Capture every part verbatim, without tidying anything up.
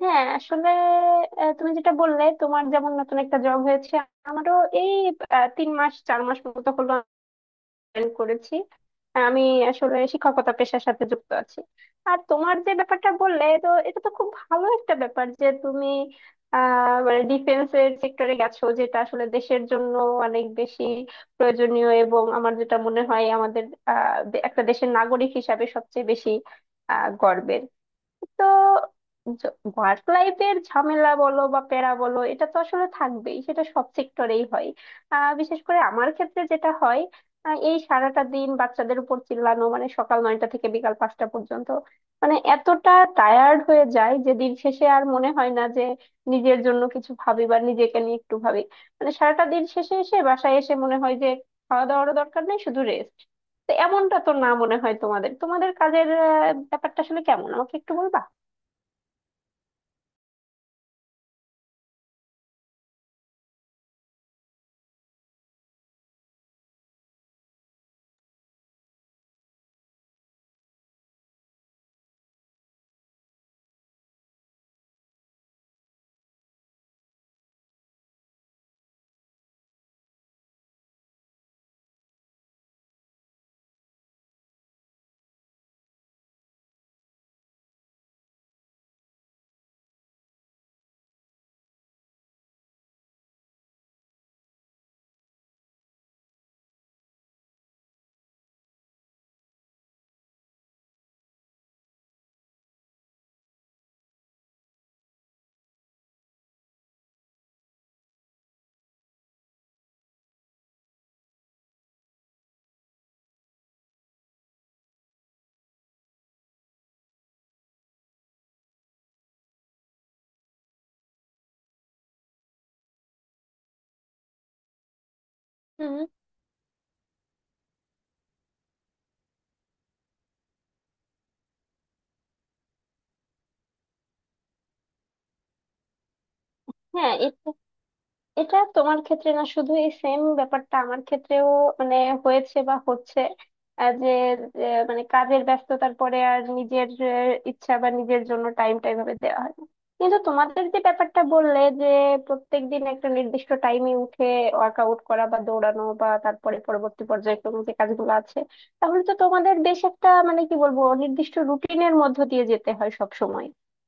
হ্যাঁ আসলে আহ, তুমি যেটা বললে তোমার যেমন নতুন একটা জব হয়েছে, আমারও এই আহ, তিন মাস চার মাস মতো হলো জয়েন করেছি। আমি আসলে শিক্ষকতা পেশার সাথে যুক্ত আছি। আর তোমার যে ব্যাপারটা বললে তো এটা তো খুব ভালো একটা ব্যাপার যে তুমি আহ মানে ডিফেন্সের সেক্টরে গেছো, যেটা আসলে দেশের জন্য অনেক বেশি প্রয়োজনীয়। এবং আমার যেটা মনে হয় আমাদের আহ দে- একটা দেশের নাগরিক হিসাবে সবচেয়ে বেশি আহ গর্বের। তো ওয়ার্ক লাইফের ঝামেলা বলো বা প্যারা বলো এটা তো আসলে থাকবেই, সেটা সব সেক্টরেই হয়। আহ, বিশেষ করে আমার ক্ষেত্রে যেটা হয় আহ, এই সারাটা দিন বাচ্চাদের উপর চিল্লানো, মানে সকাল নয়টা থেকে বিকাল পাঁচটা পর্যন্ত, মানে এতটা টায়ার্ড হয়ে যায় যে দিন শেষে আর মনে হয় না যে নিজের জন্য কিছু ভাবি বা নিজেকে নিয়ে একটু ভাবি। মানে সারাটা দিন শেষে এসে বাসায় এসে মনে হয় যে খাওয়া দাওয়ারও দরকার নেই, শুধু রেস্ট। তো এমনটা তো না মনে হয় তোমাদের তোমাদের কাজের আহ, ব্যাপারটা আসলে কেমন, আমাকে একটু বলবা? হুম। হ্যাঁ, এটা এটা তোমার ক্ষেত্রে না শুধু, এই সেম ব্যাপারটা আমার ক্ষেত্রেও মানে হয়েছে বা হচ্ছে। আহ, যে যে মানে কাজের ব্যস্ততার পরে আর নিজের আহ, ইচ্ছা বা নিজের জন্য টাইমটা এভাবে দেওয়া হয় না। কিন্তু তোমাদের যে ব্যাপারটা বললে যে প্রত্যেক দিন একটা নির্দিষ্ট টাইমে উঠে ওয়ার্কআউট করা বা দৌড়ানো বা তারপরে পরবর্তী পর্যায়ক্রমে যে কাজগুলো আছে, তাহলে তো তোমাদের বেশ একটা মানে কি বলবো নির্দিষ্ট রুটিনের মধ্য দিয়ে যেতে হয় সব সময়।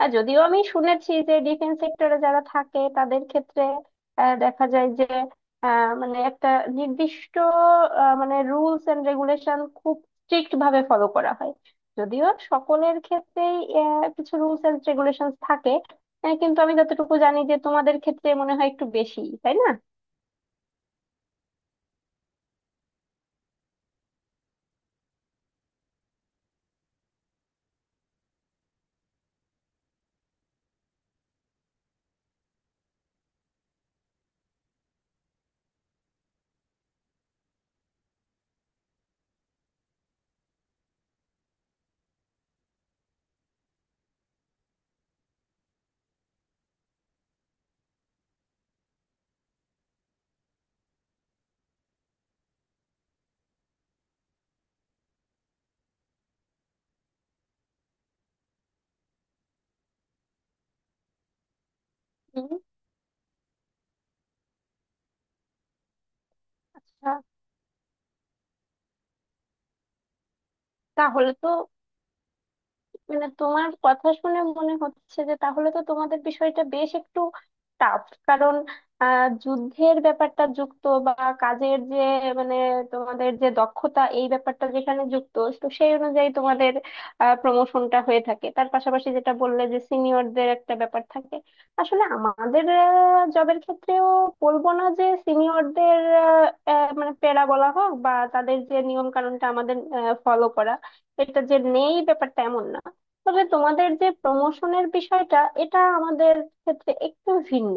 আর যদিও আমি শুনেছি যে ডিফেন্স সেক্টরে যারা থাকে তাদের ক্ষেত্রে আহ, দেখা যায় যে আহ, মানে একটা নির্দিষ্ট আহ, মানে রুলস এন্ড রেগুলেশন খুব স্ট্রিক্ট ভাবে ফলো করা হয়। যদিও সকলের ক্ষেত্রেই আহ, কিছু রুলস এন্ড রেগুলেশন থাকে, আহ, কিন্তু আমি যতটুকু জানি যে তোমাদের ক্ষেত্রে মনে হয় একটু বেশি, তাই না? হুম, আহ, তাহলে তো মানে তোমার কথা শুনে মনে হচ্ছে যে তাহলে তো তোমাদের বিষয়টা বেশ একটু টাফ, কারণ আহ, যুদ্ধের ব্যাপারটা যুক্ত বা কাজের যে মানে তোমাদের যে দক্ষতা এই ব্যাপারটা যেখানে যুক্ত, তো সেই অনুযায়ী তোমাদের প্রমোশনটা হয়ে থাকে, তার পাশাপাশি যেটা বললে যে সিনিয়রদের একটা ব্যাপার থাকে। আসলে আমাদের জবের ক্ষেত্রেও বলবো না যে সিনিয়রদের মানে প্যারা বলা হোক বা তাদের যে নিয়ম কানুনটা আমাদের ফলো করা এটা যে নেই, ব্যাপারটা এমন না। তবে তোমাদের যে প্রমোশনের বিষয়টা এটা আমাদের ক্ষেত্রে একটু ভিন্ন।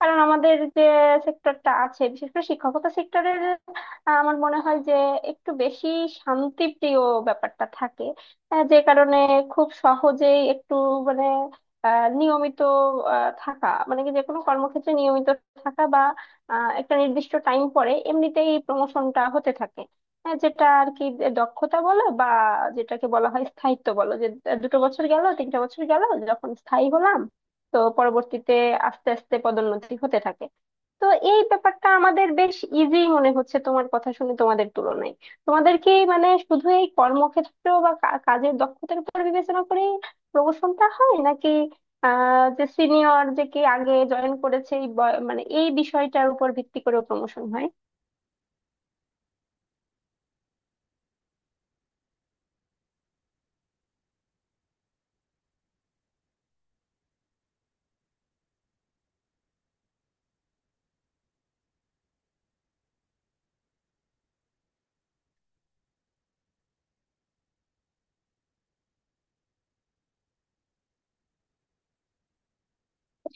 কারণ আমাদের যে সেক্টরটা আছে বিশেষ করে শিক্ষকতা সেক্টরের আমার মনে হয় যে একটু বেশি শান্তিপ্রিয় ব্যাপারটা থাকে, আহ, যে কারণে খুব সহজেই একটু মানে আহ, নিয়মিত আহ, থাকা মানে কি যে কোনো কর্মক্ষেত্রে নিয়মিত থাকা বা আহ, একটা নির্দিষ্ট টাইম পরে এমনিতেই প্রমোশনটা হতে থাকে। হ্যাঁ, যেটা আর কি দক্ষতা বলো বা যেটাকে বলা হয় স্থায়িত্ব বলো, যে দুটো বছর গেল তিনটা বছর গেল যখন স্থায়ী হলাম, তো পরবর্তীতে আস্তে আস্তে পদোন্নতি হতে থাকে। তো এই ব্যাপারটা আমাদের বেশ ইজি মনে হচ্ছে তোমার কথা শুনে তোমাদের তুলনায়। তোমাদের কি মানে শুধু এই কর্মক্ষেত্র বা কা- কাজের দক্ষতার উপর বিবেচনা করে প্রমোশনটা হয় নাকি আহ যে সিনিয়র যে কে আগে জয়েন করেছে এই বয়- মানে এই বিষয়টার উপর ভিত্তি করেও প্রমোশন হয়?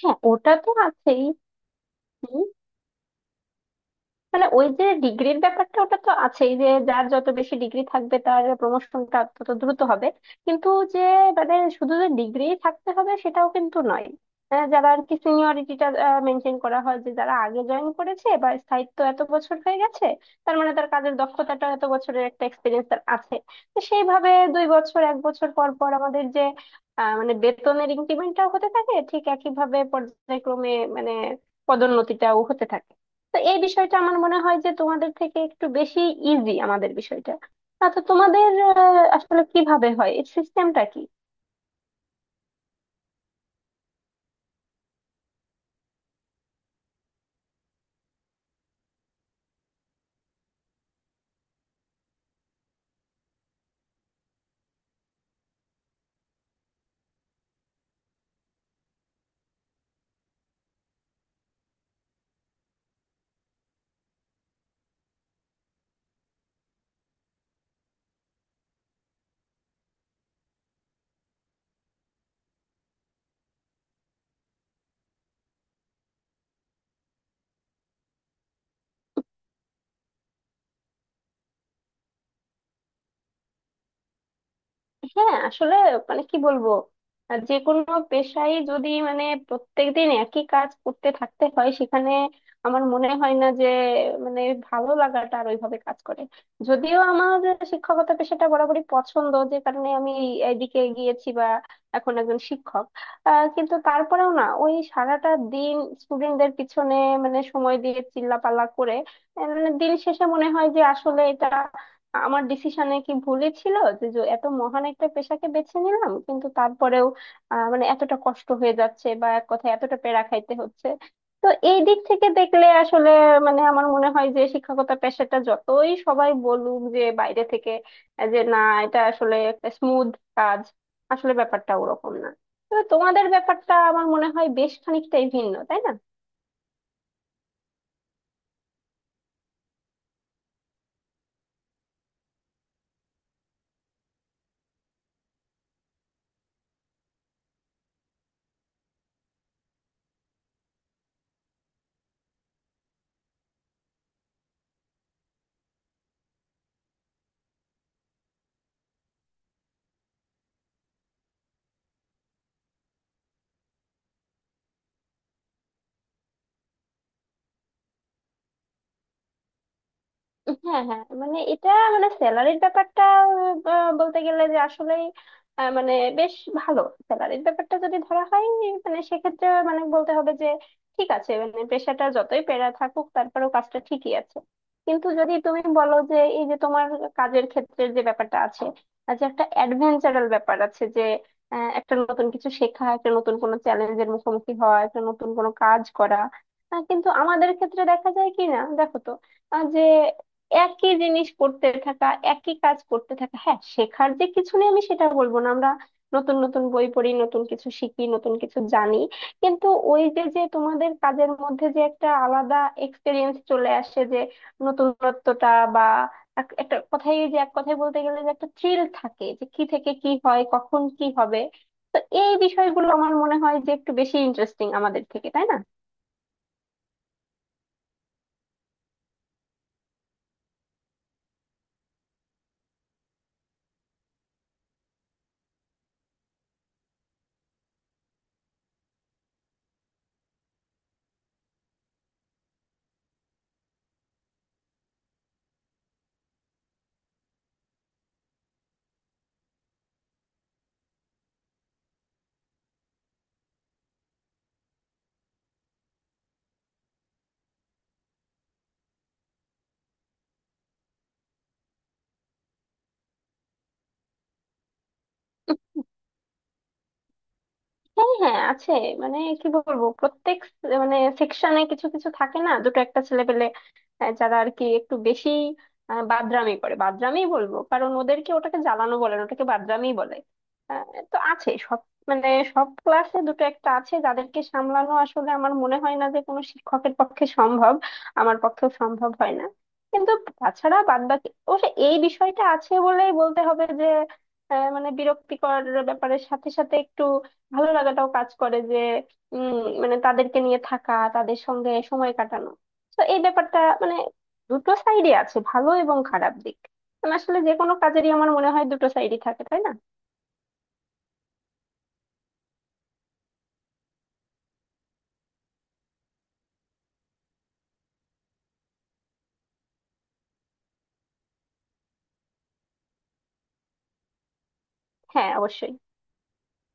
হ্যাঁ ওটা তো আছেই। মানে ওই যে ডিগ্রির ব্যাপারটা ওটা তো আছেই যে যার যত বেশি ডিগ্রি থাকবে তার প্রমোশনটা তত দ্রুত হবে। কিন্তু যে মানে শুধু যে ডিগ্রি থাকতে হবে সেটাও কিন্তু নয়। আহ, যারা আর কি সিনিয়রিটিটা মেনটেন করা হয় যে যারা আগে জয়েন করেছে বা স্থায়িত্ব এত বছর হয়ে গেছে, তার মানে তার কাজের দক্ষতাটা এত বছরের একটা এক্সপিরিয়েন্স তার আছে। তো সেইভাবে দুই বছর এক বছর পর পর আমাদের যে আহ, মানে বেতনের ইনক্রিমেন্টটাও হতে থাকে ঠিক একইভাবে পর্যায়ক্রমে, মানে পদোন্নতিটাও হতে থাকে। তো এই বিষয়টা আমার মনে হয় যে তোমাদের থেকে একটু বেশি ইজি আমাদের বিষয়টা। আচ্ছা তোমাদের আহ, আসলে কিভাবে হয় এর সিস্টেমটা কি? হ্যাঁ আসলে মানে কি বলবো আহ যে কোনো পেশাই যদি মানে প্রত্যেকদিন একই কাজ করতে থাকতে হয় সেখানে আমার মনে হয় না যে মানে ভালো লাগাটা আর ওইভাবে কাজ করে। যদিও আমার শিক্ষকতা পেশাটা বরাবরই পছন্দ, যে কারণে আমি এই- এইদিকে গিয়েছি বা এখন একজন শিক্ষক। আহ কিন্তু তারপরেও না, ওই সারাটা দিন স্টুডেন্টদের পিছনে মানে সময় দিয়ে চিল্লাপাল্লা করে আহ, মানে দিন শেষে মনে হয় যে আসলে এটা আমার ডিসিশনে কি ভুলই ছিল, যে যে এত মহান একটা পেশাকে বেছে নিলাম কিন্তু তারপরেও আহ, মানে এতটা কষ্ট হয়ে যাচ্ছে বা এক কথায় এতটা পেরা খাইতে হচ্ছে। তো এই দিক থেকে দেখলে আসলে মানে আমার মনে হয় যে শিক্ষকতা পেশাটা যতই সবাই বলুক যে বাইরে থেকে আহ, যে না এটা আসলে একটা স্মুথ কাজ, আসলে ব্যাপারটা ওরকম না। তবে তোমাদের ব্যাপারটা আমার মনে হয় বেশ খানিকটাই ভিন্ন, তাই না? হ্যাঁ হ্যাঁ মানে এটা মানে স্যালারির ব্যাপারটা আহ, বলতে গেলে যে আসলেই আহ, মানে বেশ ভালো স্যালারির ব্যাপারটা যদি ধরা হয় মানে সেক্ষেত্রে মানে বলতে হবে যে ঠিক আছে, মানে পেশাটা যতই প্যারা থাকুক তারপরেও কাজটা ঠিকই আছে। কিন্তু যদি তুমি বলো যে এই যে তোমার কাজের ক্ষেত্রে যে ব্যাপারটা আছে আর যে একটা অ্যাডভেঞ্চারাল ব্যাপার আছে যে আহ, একটা নতুন কিছু শেখা একটা নতুন কোনো চ্যালেঞ্জের মুখোমুখি হওয়া একটা নতুন কোনো কাজ করা, আহ, কিন্তু আমাদের ক্ষেত্রে দেখা যায় কি না দেখো তো, আহ যে একই জিনিস করতে থাকা একই কাজ করতে থাকা। হ্যাঁ শেখার যে কিছু নেই আমি সেটা বলবো না, আমরা নতুন নতুন বই পড়ি নতুন কিছু শিখি নতুন কিছু জানি কিন্তু ওই যে যে তোমাদের কাজের মধ্যে যে একটা আলাদা এক্সপিরিয়েন্স চলে আসে যে নতুনত্বটা বা এক- একটা কথাই যে এক কথায় বলতে গেলে যে একটা থ্রিল থাকে যে কি থেকে কি হয় কখন কি হবে, এই বিষয়গুলো আমার মনে হয় যে একটু বেশি ইন্টারেস্টিং আমাদের থেকে, তাই না? হ্যাঁ হ্যাঁ আছে। মানে কি বলবো প্রত্যেক স- মানে সেকশনে কিছু কিছু থাকে না দুটো একটা ছেলে পেলে আহ, যারা আর কি একটু বেশি আহ, বাদরামি করে। বাদরামি বলবো কারণ ওদেরকে ওটাকে জ্বালানো বলে না, ওটাকে বাদরামি বলে। আহ, তো আছে সব মানে সব ক্লাসে দুটো একটা আছে যাদেরকে সামলানো আসলে আমার মনে হয় না যে কোনো শিক্ষকের পক্ষে সম্ভব, আমার পক্ষেও সম্ভব হয় না। কিন্তু তাছাড়া বাদ বাকি অবশ্য এই বিষয়টা আছে বলেই বলতে হবে যে আহ, মানে বিরক্তিকর ব্যাপারের সাথে সাথে একটু ভালো লাগাটাও কাজ করে যে উম মানে তাদেরকে নিয়ে থাকা তাদের সঙ্গে সময় কাটানো। তো এই ব্যাপারটা মানে দুটো সাইডে আছে ভালো এবং খারাপ দিক। মানে আসলে যে কোনো কাজেরই আমার মনে হয় দুটো সাইডই থাকে, তাই না? হ্যাঁ অবশ্যই।